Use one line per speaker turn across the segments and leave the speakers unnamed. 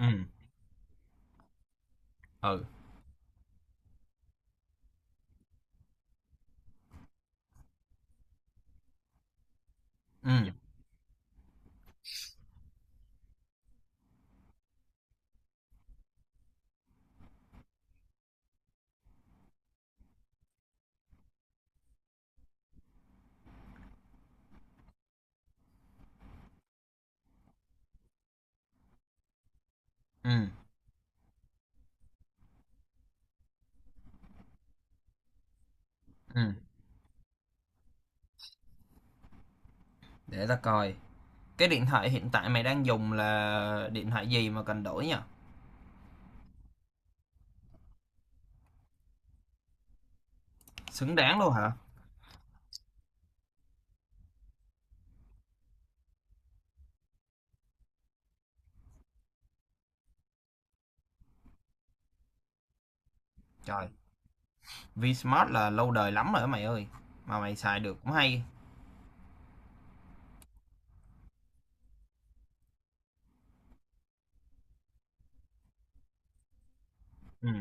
ừ ừ, ừ ừ ừm, để ta coi. Cái điện thoại hiện tại mày đang dùng là điện thoại gì mà cần đổi nhỉ? Xứng đáng luôn hả? Trời, Vsmart là lâu đời lắm rồi đó mày ơi. Mà mày xài được cũng hay. ừ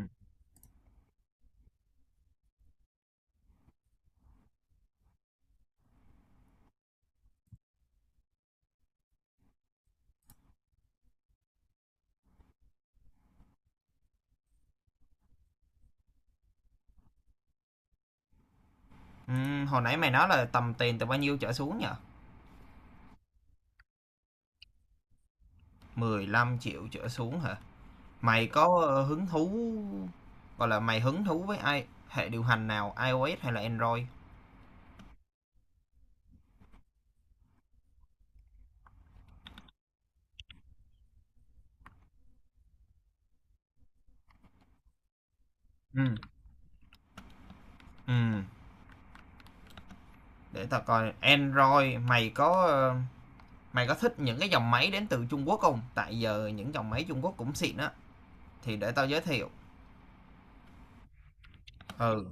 ừm, Hồi nãy mày nói là tầm tiền từ bao nhiêu trở xuống nhỉ? 15 triệu trở xuống hả? Mày có hứng thú, gọi là mày hứng thú với ai hệ điều hành nào, iOS hay là Android? Ừ ừm, để ta coi Android. Mày có thích những cái dòng máy đến từ Trung Quốc không? Tại giờ những dòng máy Trung Quốc cũng xịn á. Thì để tao giới thiệu. Ừ,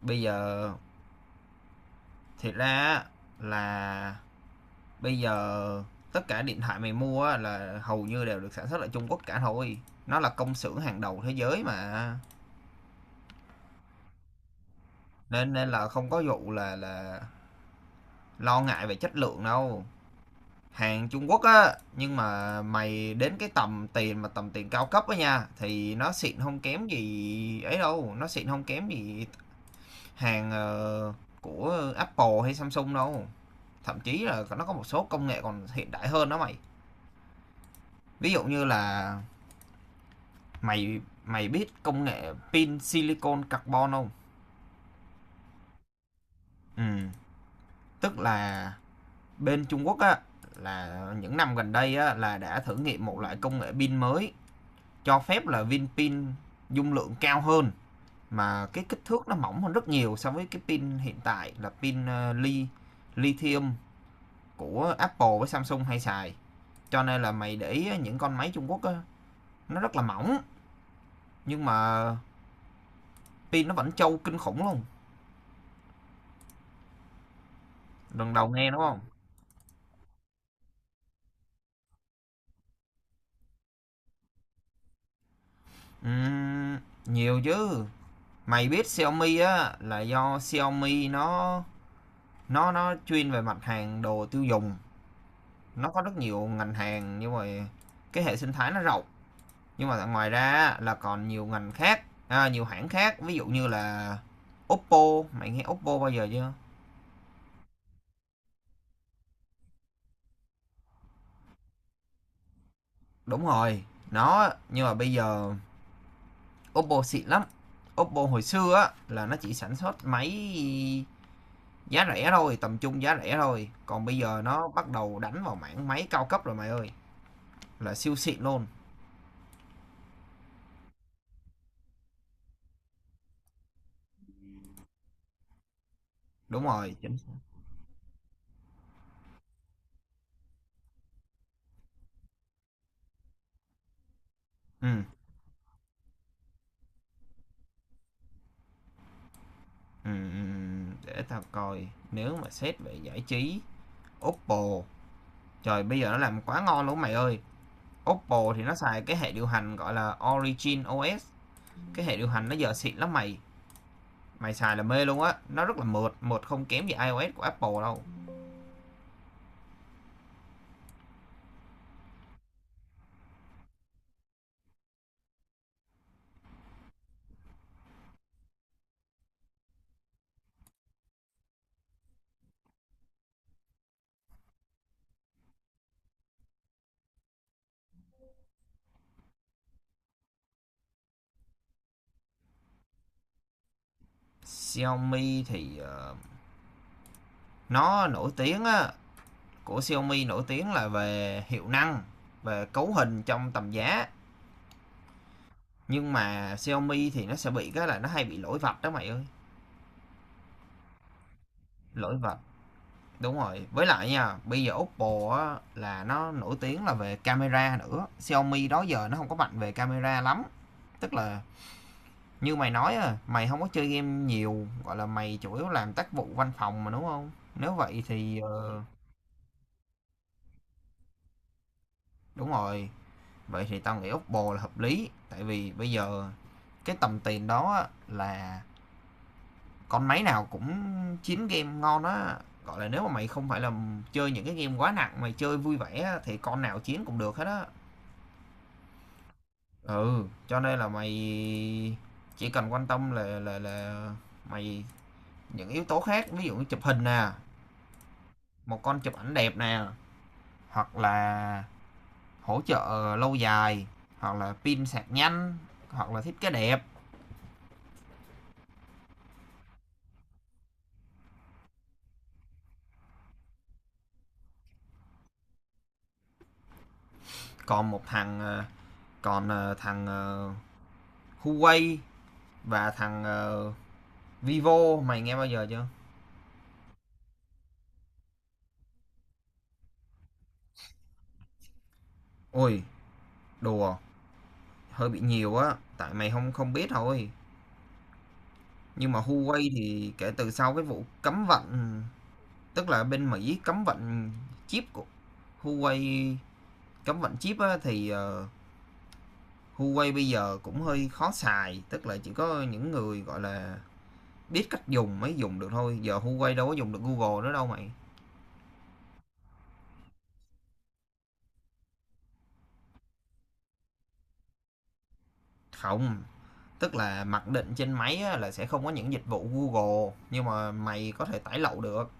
bây giờ thiệt ra là, bây giờ tất cả điện thoại mày mua là hầu như đều được sản xuất ở Trung Quốc cả thôi. Nó là công xưởng hàng đầu thế giới mà. Nên nên là không có vụ là lo ngại về chất lượng đâu. Hàng Trung Quốc á, nhưng mà mày đến cái tầm tiền mà tầm tiền cao cấp á nha thì nó xịn không kém gì ấy đâu, nó xịn không kém gì hàng, của Apple hay Samsung đâu. Thậm chí là nó có một số công nghệ còn hiện đại hơn đó mày. Ví dụ như là mày mày biết công nghệ pin silicon carbon không? Ừ, tức là bên Trung Quốc á là những năm gần đây á là đã thử nghiệm một loại công nghệ pin mới cho phép là viên pin dung lượng cao hơn mà cái kích thước nó mỏng hơn rất nhiều so với cái pin hiện tại là pin ờ, li lithium của Apple với Samsung hay xài, cho nên là mày để ý những con máy Trung Quốc á, nó rất là mỏng nhưng mà pin nó vẫn trâu kinh khủng luôn. Lần đầu nghe đúng không? Ừm, Nhiều chứ. Mày biết Xiaomi á là do Xiaomi nó chuyên về mặt hàng đồ tiêu dùng, nó có rất nhiều ngành hàng nhưng mà cái hệ sinh thái nó rộng, nhưng mà ngoài ra là còn nhiều ngành khác à, nhiều hãng khác, ví dụ như là Oppo. Mày nghe Oppo bao giờ chưa? Đúng rồi, nó nhưng mà bây giờ Oppo xịn lắm. Oppo hồi xưa á là nó chỉ sản xuất máy giá rẻ thôi, tầm trung giá rẻ thôi. Còn bây giờ nó bắt đầu đánh vào mảng máy cao cấp rồi mày ơi, là siêu xịn luôn. Đúng rồi, chính xác. Ừ, ừ, ừ, ừ. Để tao coi, nếu mà xét về giải trí, Oppo, trời, bây giờ nó làm quá ngon luôn mày ơi. Oppo thì nó xài cái hệ điều hành gọi là Origin OS, cái hệ điều hành nó giờ xịn lắm mày. Mày xài là mê luôn á, nó rất là mượt, mượt không kém gì iOS của Apple đâu. Xiaomi thì nó nổi tiếng á, của Xiaomi nổi tiếng là về hiệu năng, về cấu hình trong tầm giá, nhưng mà Xiaomi thì nó sẽ bị cái là nó hay bị lỗi vạch đó mày ơi. Lỗi vạch, đúng rồi, với lại nha bây giờ Oppo á, là nó nổi tiếng là về camera nữa. Xiaomi đó giờ nó không có mạnh về camera lắm, tức là như mày nói à, mày không có chơi game nhiều, gọi là mày chủ yếu làm tác vụ văn phòng mà đúng không? Nếu vậy thì đúng rồi, vậy thì tao nghĩ Oppo là hợp lý tại vì bây giờ cái tầm tiền đó á, là con máy nào cũng chín game ngon á, gọi là nếu mà mày không phải là chơi những cái game quá nặng, mày chơi vui vẻ á, thì con nào chiến cũng được hết á. Ừ, cho nên là mày chỉ cần quan tâm là mày, những yếu tố khác, ví dụ như chụp hình nè, một con chụp ảnh đẹp nè, hoặc là hỗ trợ lâu dài, hoặc là pin sạc nhanh, hoặc là thiết kế đẹp. Còn một thằng ờ, còn ờ, thằng ờ, Huawei và thằng Vivo, mày nghe bao giờ chưa? Ôi đùa, hơi bị nhiều á tại mày không không biết thôi, nhưng mà Huawei thì kể từ sau cái vụ cấm vận, tức là bên Mỹ cấm vận chip của Huawei, cấm vận chip á, thì Huawei bây giờ cũng hơi khó xài, tức là chỉ có những người, gọi là, biết cách dùng mới dùng được thôi, giờ Huawei đâu có dùng được Google nữa đâu mày. Không, tức là mặc định trên máy là sẽ không có những dịch vụ Google, nhưng mà mày có thể tải lậu được.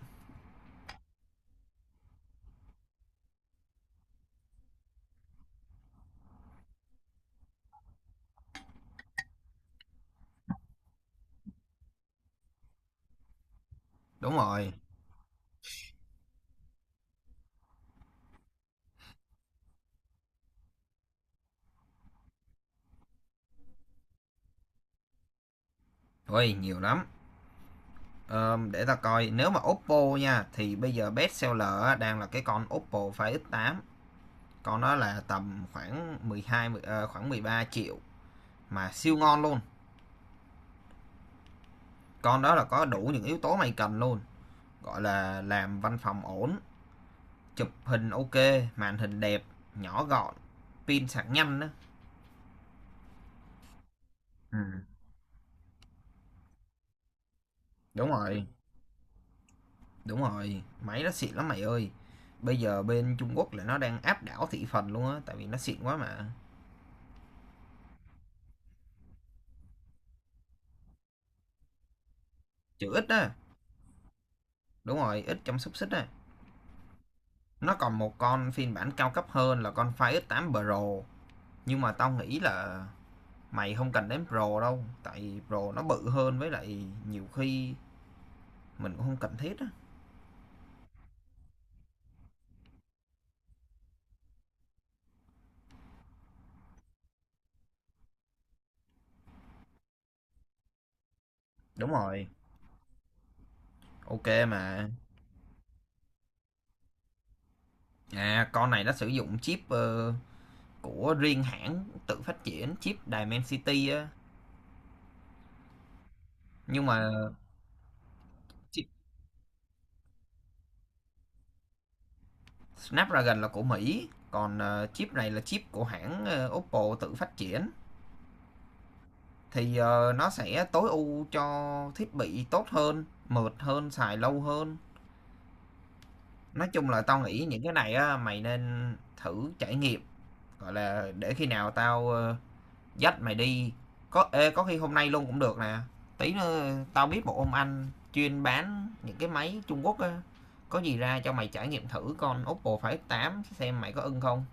Đúng rồi. Ôi, nhiều lắm. Ờ, để ta coi, nếu mà Oppo nha, thì bây giờ best seller đang là cái con Oppo Find X8, con đó là tầm khoảng 13 triệu mà siêu ngon luôn. Con đó là có đủ những yếu tố mày cần luôn. Gọi là làm văn phòng ổn, chụp hình ok, màn hình đẹp, nhỏ gọn, pin sạc nhanh đó. Ừ, đúng rồi, đúng rồi, máy nó xịn lắm mày ơi, bây giờ bên Trung Quốc là nó đang áp đảo thị phần luôn á tại vì nó xịn quá mà. Chữ ít á, đúng rồi, ít trong xúc xích á, nó còn một con phiên bản cao cấp hơn là con Fire X8 Pro, nhưng mà tao nghĩ là mày không cần đến Pro đâu tại Pro nó bự hơn, với lại nhiều khi mình cũng không cần thiết á. Đúng rồi, ok mà. À, con này nó sử dụng chip, của riêng hãng tự phát triển, chip Dimensity á, nhưng mà chip Snapdragon là của Mỹ, còn, chip này là chip của hãng, Oppo tự phát triển. Thì, nó sẽ tối ưu cho thiết bị tốt hơn, mượt hơn, xài lâu hơn. Nói chung là tao nghĩ những cái này á, mày nên thử trải nghiệm, gọi là, để khi nào tao dắt mày đi, có khi hôm nay luôn cũng được nè, tí nữa tao biết một ông anh chuyên bán những cái máy Trung Quốc á, có gì ra cho mày trải nghiệm thử con Oppo Find X8 xem mày có ưng không.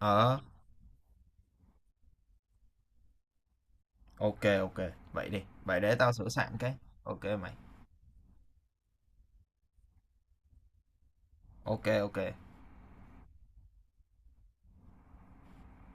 Ờ, ok, ok, vậy đi, vậy để tao sửa soạn cái. Ok mày, ok, ok.